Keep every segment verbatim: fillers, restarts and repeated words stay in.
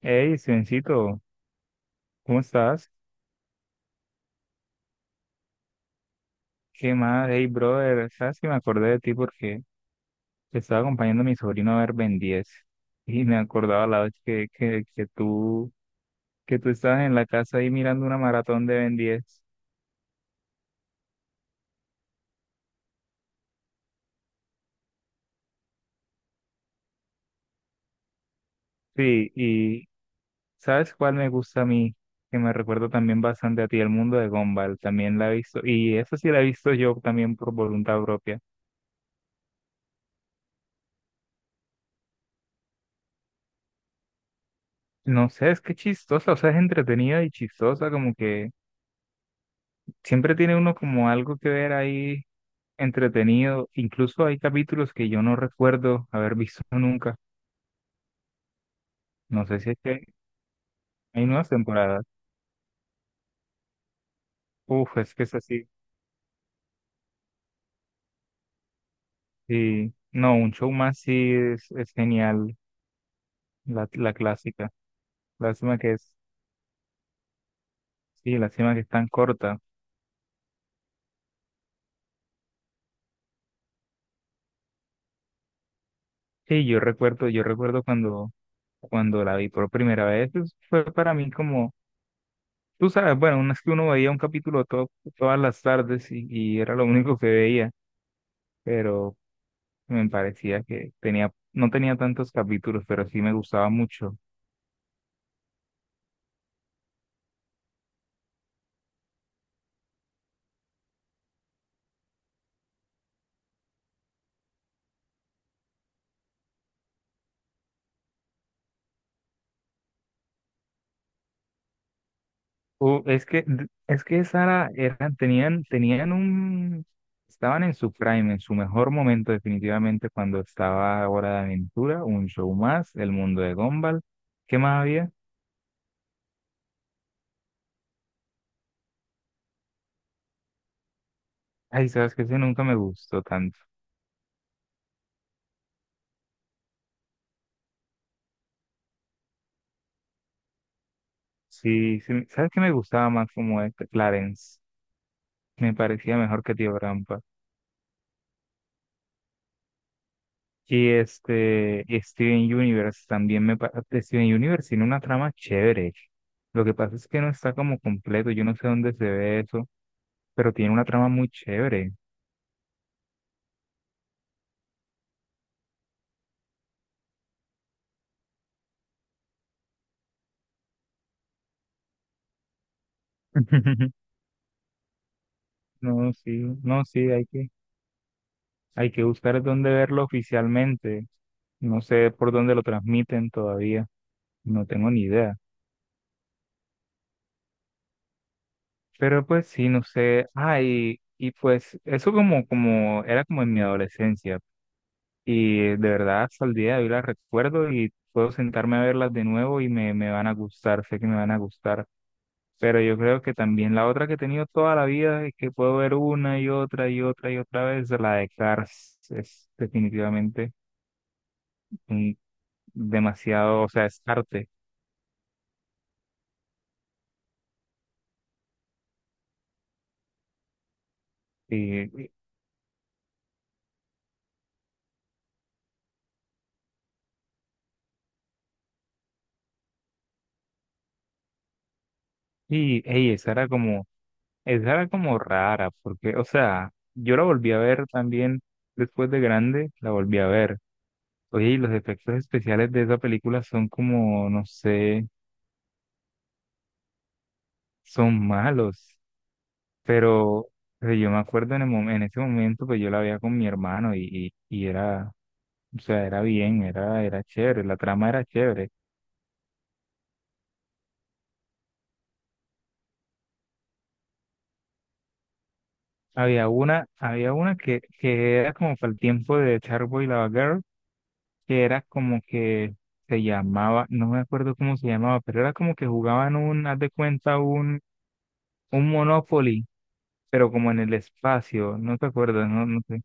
Hey, Sencito, ¿cómo estás? ¿Qué más? Hey, brother, ¿sabes que me acordé de ti porque te estaba acompañando a mi sobrino a ver Ben diez y me acordaba la vez que, que, que tú, que tú estabas en la casa ahí mirando una maratón de Ben diez. Sí, y ¿sabes cuál me gusta a mí? Que me recuerda también bastante a ti, el mundo de Gumball, también la he visto, y eso sí la he visto yo también por voluntad propia. No sé, es que chistosa, o sea, es entretenida y chistosa, como que siempre tiene uno como algo que ver ahí entretenido. Incluso hay capítulos que yo no recuerdo haber visto nunca. No sé si es que hay nuevas temporadas. Uf, es que es así. Sí. No, un show más sí es, es genial. La, la clásica. Lástima que es, sí, lástima que es tan corta. Sí, yo recuerdo, yo recuerdo cuando, cuando la vi por primera vez, pues, fue para mí como, tú sabes, bueno, una es que uno veía un capítulo to- todas las tardes y, y era lo único que veía, pero me parecía que tenía, no tenía tantos capítulos, pero sí me gustaba mucho. Uh, es que, es que Sara eran, tenían, tenían un, estaban en su prime, en su mejor momento definitivamente cuando estaba Hora de Aventura, Un Show Más, El Mundo de Gumball. ¿Qué más había? Ay, sabes que ese nunca me gustó tanto. Sí, sí, sabes que me gustaba más como este, Clarence. Me parecía mejor que Tío Rampa. Y este, y Steven Universe también me parece, Steven Universe tiene una trama chévere. Lo que pasa es que no está como completo, yo no sé dónde se ve eso, pero tiene una trama muy chévere. No, sí, no, sí, hay que, hay que buscar dónde verlo oficialmente. No sé por dónde lo transmiten todavía, no tengo ni idea. Pero pues sí, no sé, ay, y, y pues eso como, como, era como en mi adolescencia. Y de verdad, hasta el día de hoy las recuerdo y puedo sentarme a verlas de nuevo y me, me van a gustar, sé que me van a gustar. Pero yo creo que también la otra que he tenido toda la vida y que puedo ver una y otra y otra y otra vez, la de Cars, es definitivamente un- demasiado, o sea, es arte. Y, y ey, esa era como, esa era como rara, porque, o sea, yo la volví a ver también después de grande, la volví a ver. Oye, y los efectos especiales de esa película son como, no sé, son malos, pero, pero yo me acuerdo en el mom- en ese momento, pues yo la veía con mi hermano y, y, y era, o sea, era bien, era, era chévere, la trama era chévere. Había una, había una que, que era como para el tiempo de Charboy Lava Girl, que era como que se llamaba, no me acuerdo cómo se llamaba, pero era como que jugaban un, haz de cuenta, un, un Monopoly, pero como en el espacio, no te acuerdas, no, no sé.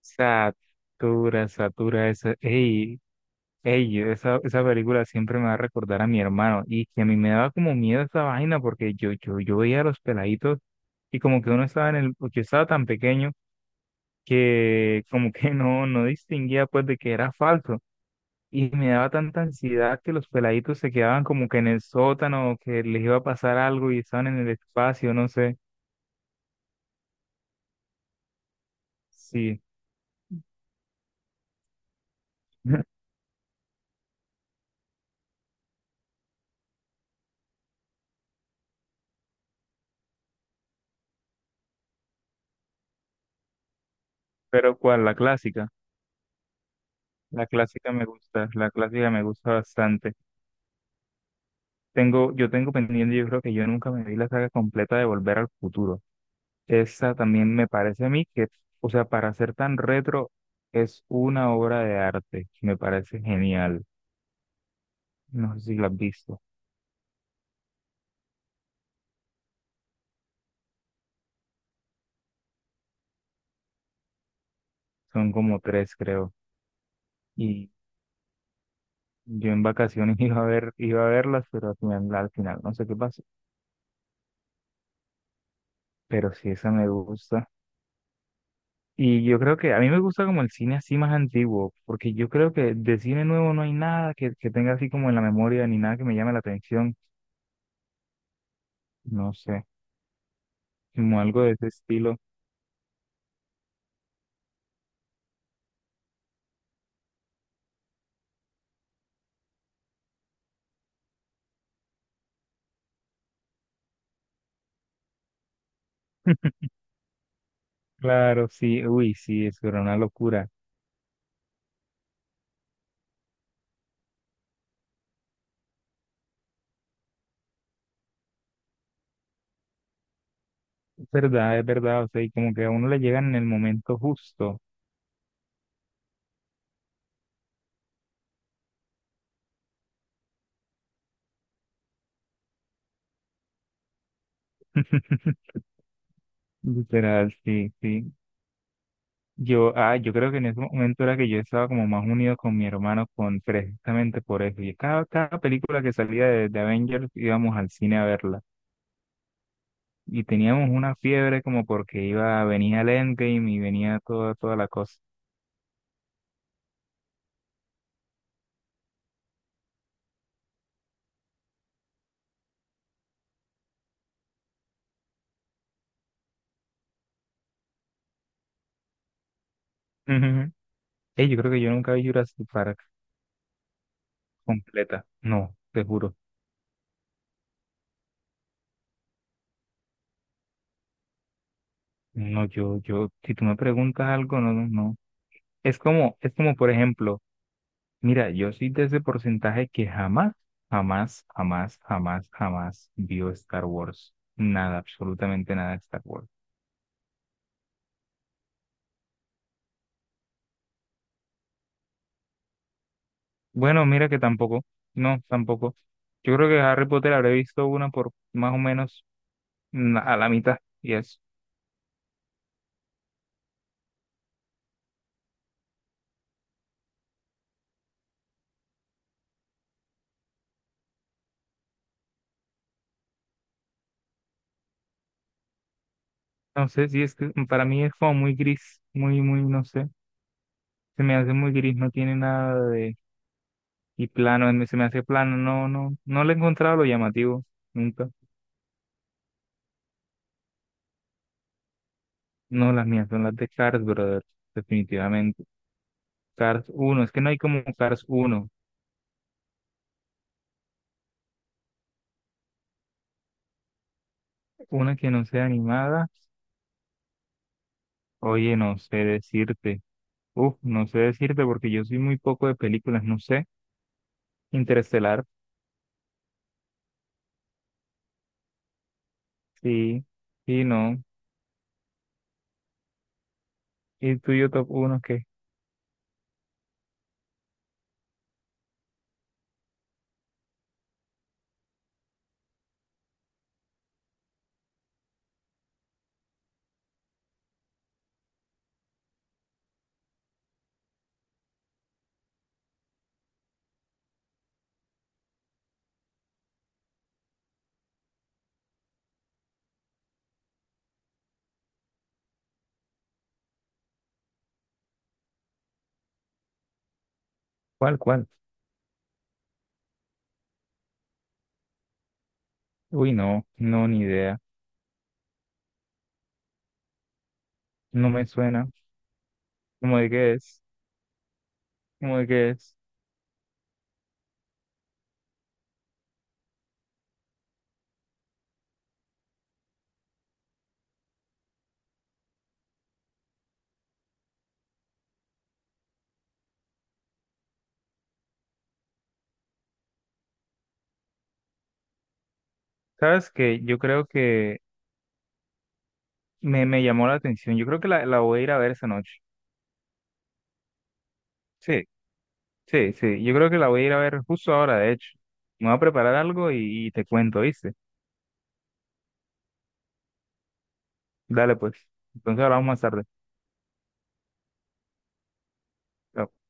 Satura, Satura, esa, ey, ey, esa, esa película siempre me va a recordar a mi hermano, y que a mí me daba como miedo esa vaina, porque yo, yo, yo veía a los peladitos, y como que uno estaba en el, yo estaba tan pequeño que como que no, no distinguía pues de que era falso. Y me daba tanta ansiedad que los peladitos se quedaban como que en el sótano, que les iba a pasar algo y estaban en el espacio, no sé. Sí, pero ¿cuál? La clásica. La clásica me gusta, la clásica me gusta bastante. Tengo, yo tengo pendiente, yo creo que yo nunca me vi la saga completa de Volver al Futuro. Esa también me parece a mí que, o sea, para ser tan retro, es una obra de arte. Me parece genial. No sé si la has visto. Son como tres, creo. Y yo en vacaciones iba a ver, iba a verlas, pero al final, al final no sé qué pasó. Pero sí, esa me gusta. Y yo creo que a mí me gusta como el cine así más antiguo, porque yo creo que de cine nuevo no hay nada que, que tenga así como en la memoria, ni nada que me llame la atención. No sé, como algo de ese estilo. Claro, sí, uy, sí, eso era una locura. Es verdad, es verdad, o sea, y como que a uno le llegan en el momento justo. Literal, sí, sí. Yo, ah, yo creo que en ese momento era que yo estaba como más unido con mi hermano con precisamente por eso. Y cada, cada película que salía de, de Avengers íbamos al cine a verla. Y teníamos una fiebre como porque iba, venía el Endgame y venía toda, toda la cosa. Ujú. Ey, yo creo que yo nunca vi Jurassic Park completa. No, te juro. No, yo, yo, si tú me preguntas algo, no, no, no. Es como, es como, por ejemplo, mira, yo soy de ese porcentaje que jamás, jamás, jamás, jamás, jamás vio Star Wars. Nada, absolutamente nada de Star Wars. Bueno, mira que tampoco, no, tampoco. Yo creo que Harry Potter habré visto una por más o menos mm, a la mitad y eso. No sé si es que para mí es como muy gris, muy, muy, no sé. Se me hace muy gris, no tiene nada de... Y plano, en- se me hace plano, no, no, no le he encontrado lo llamativo, nunca. No, las mías son las de Cars, brother, definitivamente. Cars uno, es que no hay como Cars uno, una que no sea animada, oye, no sé decirte. Uf, no sé decirte porque yo soy muy poco de películas, no sé. Interestelar, sí, sí, no. ¿Y tuyo top uno, qué? ¿Cuál, cuál? Uy, no, no, ni idea. No me suena. ¿Cómo de qué es? ¿Cómo de qué es? ¿Sabes que yo creo que me, me llamó la atención? Yo creo que la, la voy a ir a ver esa noche. Sí, sí, sí. Yo creo que la voy a ir a ver justo ahora, de hecho. Me voy a preparar algo y, y te cuento, ¿viste? Dale, pues. Entonces hablamos más tarde. Chao.